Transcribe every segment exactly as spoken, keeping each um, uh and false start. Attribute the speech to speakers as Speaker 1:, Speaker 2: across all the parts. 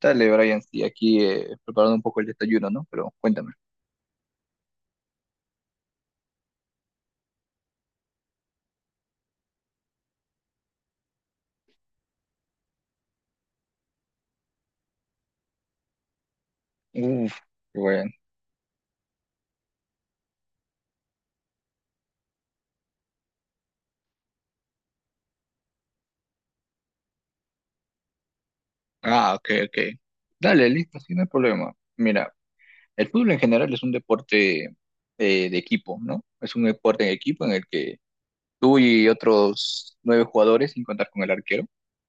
Speaker 1: Dale, Brian, sí, aquí eh, preparando un poco el desayuno, ¿no? Pero cuéntame. Uf, qué bueno. Ah, ok, ok. Dale, listo, sí, no hay problema. Mira, el fútbol en general es un deporte eh, de equipo, ¿no? Es un deporte en equipo en el que tú y otros nueve jugadores, sin contar con el arquero,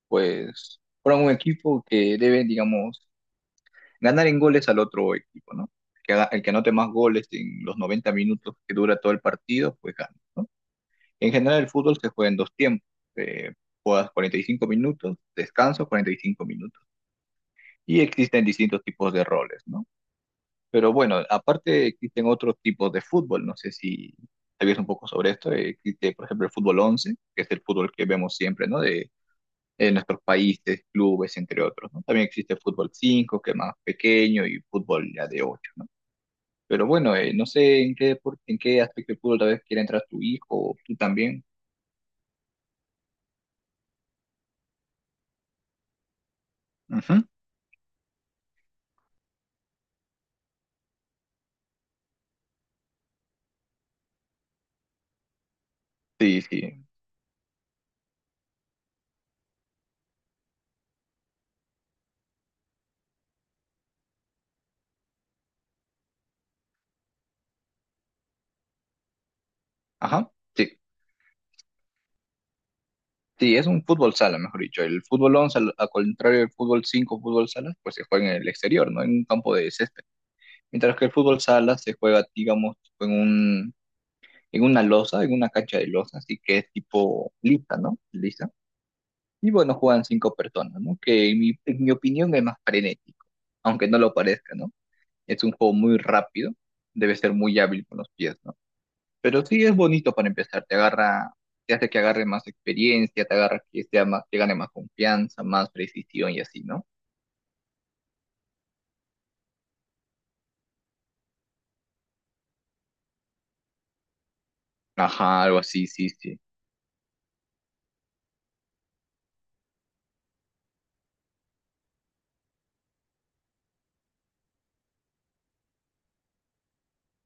Speaker 1: pues forman un equipo que debe, digamos, ganar en goles al otro equipo, ¿no? Que, haga- el que anote más goles en los noventa minutos que dura todo el partido, pues gana, ¿no? En general, el fútbol se juega en dos tiempos. eh, Juegas cuarenta y cinco minutos, descanso cuarenta y cinco minutos. Y existen distintos tipos de roles, ¿no? Pero bueno, aparte existen otros tipos de fútbol. No sé si sabías un poco sobre esto. eh, Existe, por ejemplo, el fútbol once que es el fútbol que vemos siempre, ¿no? De, en nuestros países, clubes, entre otros, ¿no? También existe el fútbol cinco que es más pequeño, y fútbol ya de ocho, ¿no? Pero bueno, eh, no sé en qué, depor- en qué aspecto del fútbol tal vez quiera entrar tu hijo o tú también. Ujú. Sí, sí. Ajá, sí, sí, es un fútbol sala, mejor dicho. El fútbol once al al contrario del fútbol cinco, fútbol sala, pues se juega en el exterior, ¿no? En un campo de césped. Mientras que el fútbol sala se juega, digamos, en un, en una losa, en una cancha de losa, así que es tipo lisa, ¿no? Lisa. Y bueno, juegan cinco personas, ¿no? Que en mi, en mi opinión es más frenético, aunque no lo parezca, ¿no? Es un juego muy rápido, debe ser muy hábil con los pies, ¿no? Pero sí es bonito para empezar, te agarra, te hace que agarre más experiencia, te agarra que sea más, que gane más confianza, más precisión y así, ¿no? Ajá, algo así, sí, sí.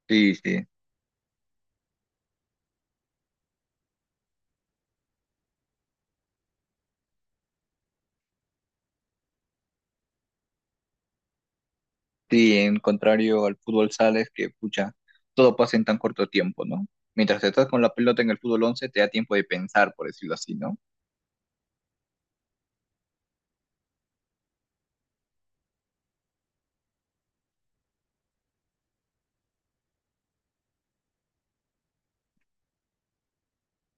Speaker 1: Sí, sí. Sí, en contrario al fútbol sales que, pucha, todo pasa en tan corto tiempo, ¿no? Mientras estás con la pelota en el fútbol once te da tiempo de pensar, por decirlo así, ¿no?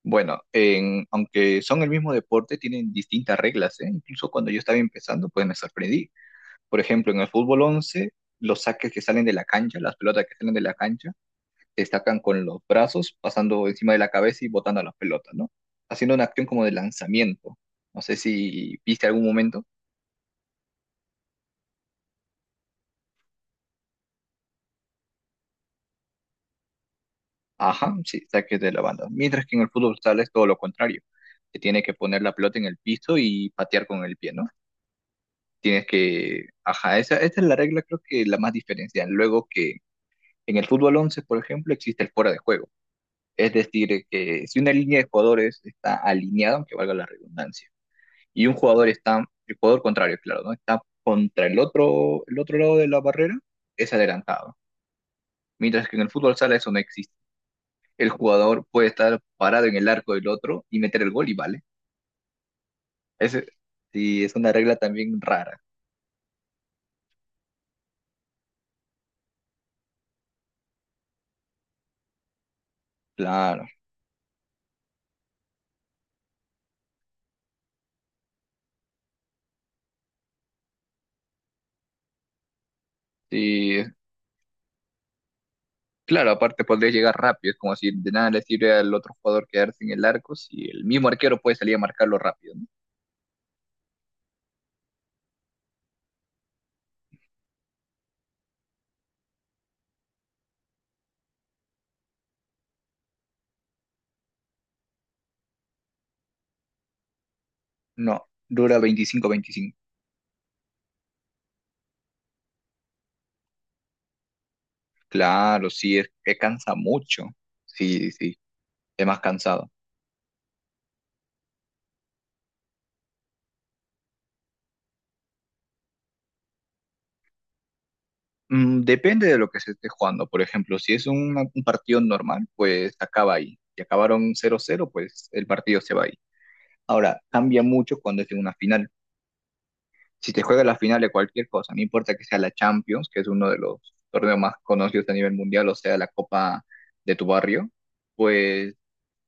Speaker 1: Bueno, en, aunque son el mismo deporte, tienen distintas reglas, ¿eh? Incluso cuando yo estaba empezando, pues me sorprendí. Por ejemplo, en el fútbol once los saques que salen de la cancha, las pelotas que salen de la cancha, destacan con los brazos, pasando encima de la cabeza y botando a las pelotas, ¿no? Haciendo una acción como de lanzamiento. No sé si viste algún momento. Ajá, sí, saques de la banda. Mientras que en el fútbol sala es todo lo contrario. Te tiene que poner la pelota en el piso y patear con el pie, ¿no? Tienes que... Ajá, esa, esta es la regla creo que la más diferencial. Luego que en el fútbol once, por ejemplo, existe el fuera de juego. Es decir, eh, que si una línea de jugadores está alineada, aunque valga la redundancia, y un jugador está, el jugador contrario, claro, ¿no? Está contra el otro, el otro lado de la barrera, es adelantado. Mientras que en el fútbol sala eso no existe. El jugador puede estar parado en el arco del otro y meter el gol y vale. Ese, sí, es una regla también rara. Claro. Sí, claro, aparte podría llegar rápido. Es como si de nada le sirve al otro jugador quedarse en el arco si el mismo arquero puede salir a marcarlo rápido, ¿no? No, dura veinticinco veinticinco Claro, sí, es que cansa mucho. Sí, sí, es más cansado. Mm, depende de lo que se esté jugando. Por ejemplo, si es una- un partido normal, pues acaba ahí. Si acabaron cero cero, pues el partido se va ahí. Ahora, cambia mucho cuando es en una final. Si te juega la final de cualquier cosa, no importa que sea la Champions, que es uno de los torneos más conocidos a nivel mundial, o sea, la Copa de tu barrio, pues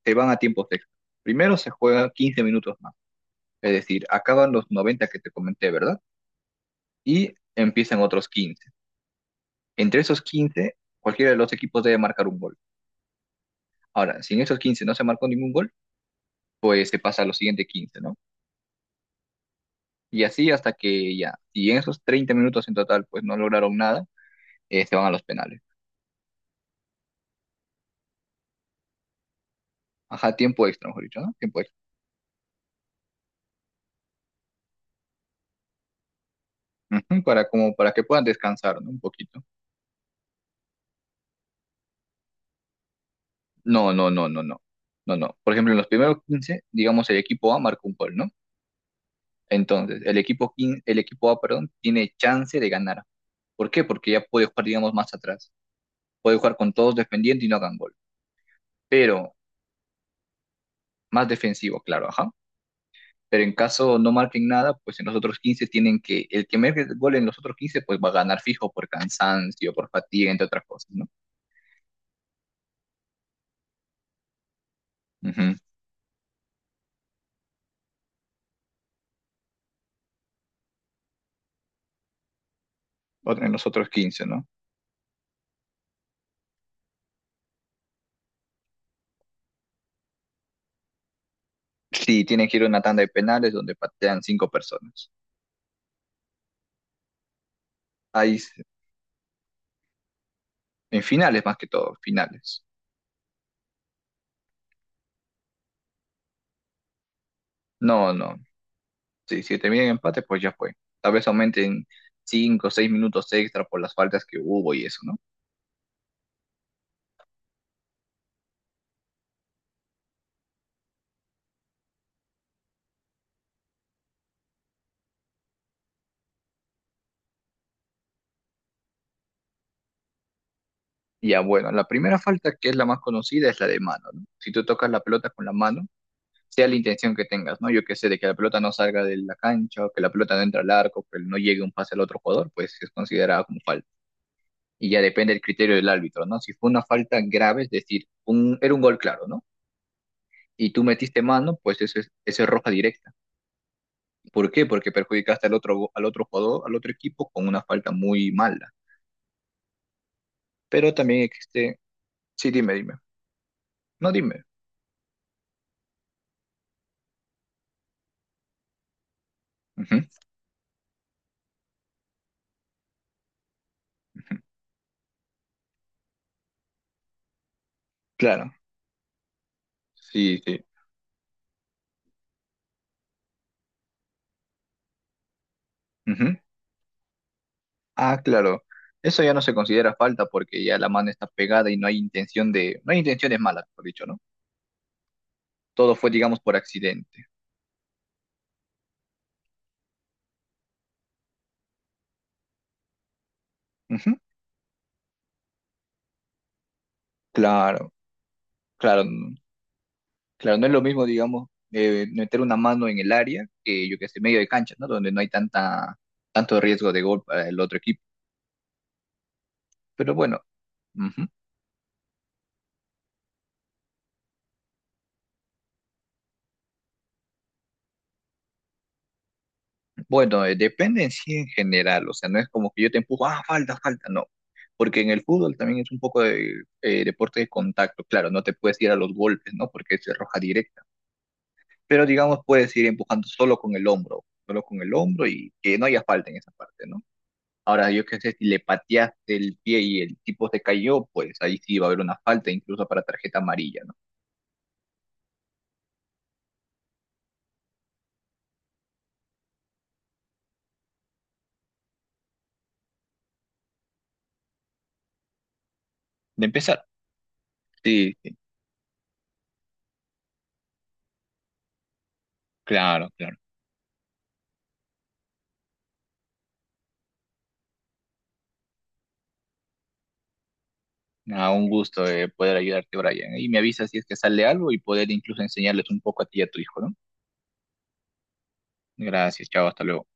Speaker 1: te van a tiempos extra. Primero se juega quince minutos más. Es decir, acaban los noventa que te comenté, ¿verdad? Y empiezan otros quince. Entre esos quince, cualquiera de los equipos debe marcar un gol. Ahora, si en esos quince no se marcó ningún gol, pues se pasa a los siguientes quince, ¿no? Y así hasta que ya, si en esos treinta minutos en total pues no lograron nada, eh, se van a los penales. Ajá, tiempo extra, mejor dicho, ¿no? Tiempo extra. Ujú, para, como, para que puedan descansar, ¿no? Un poquito. No, no, no, no, no. No, no. Por ejemplo, en los primeros quince, digamos, el equipo A marcó un gol, ¿no? Entonces, el equipo, quin- el equipo A, perdón, tiene chance de ganar. ¿Por qué? Porque ya puede jugar, digamos, más atrás. Puede jugar con todos defendiendo y no hagan gol. Pero más defensivo, claro, ajá. Pero en caso no marquen nada, pues en los otros quince tienen que, el que marque el gol en los otros quince pues va a ganar fijo por cansancio, por fatiga, entre otras cosas, ¿no? Ujú. Otro- En los otros quince, ¿no? Sí, tienen que ir a una tanda de penales donde patean cinco personas. Ahí, se- en finales más que todo, finales. No, no. Sí, si terminan en empate, pues ya fue. Tal vez aumenten cinco o seis minutos extra por las faltas que hubo y eso, ¿no? Ya, bueno, la primera falta que es la más conocida es la de mano, ¿no? Si tú tocas la pelota con la mano, sea la intención que tengas, ¿no? Yo qué sé, de que la pelota no salga de la cancha, o que la pelota no entre al arco, que no llegue un pase al otro jugador, pues es considerada como falta. Y ya depende del criterio del árbitro, ¿no? Si fue una falta grave, es decir, un, era un gol claro, ¿no? Y tú metiste mano, pues eso es, eso es roja directa. ¿Por qué? Porque perjudicaste al otro, al otro jugador, al otro equipo, con una falta muy mala. Pero también existe... Sí, dime, dime. No, dime. Ujú, ujú. Claro. Sí, sí. Ujú. Ah, claro. Eso ya no se considera falta porque ya la mano está pegada y no hay intención de, no hay intenciones malas, por dicho, ¿no? Todo fue, digamos, por accidente. Ujú. Claro, claro, n- claro. No es lo mismo, digamos, eh, meter una mano en el área que, yo que sé, medio de cancha, ¿no? Donde no hay tanta, tanto riesgo de gol para el otro equipo. Pero bueno, Bueno, eh, depende en sí en general, o sea, no es como que yo te empujo, ah, falta, falta, no, porque en el fútbol también es un poco de eh, deporte de contacto, claro, no te puedes ir a los golpes, ¿no? Porque es roja directa, pero digamos puedes ir empujando solo con el hombro, solo con el hombro y que no haya falta en esa parte, ¿no? Ahora, yo qué sé, si le pateaste el pie y el tipo se cayó, pues ahí sí va a haber una falta, incluso para tarjeta amarilla, ¿no? De empezar. Sí, sí, claro, claro. Ah, un gusto eh, poder ayudarte, Brian. Y me avisas si es que sale algo y poder incluso enseñarles un poco a ti y a tu hijo, ¿no? Gracias, chao, hasta luego.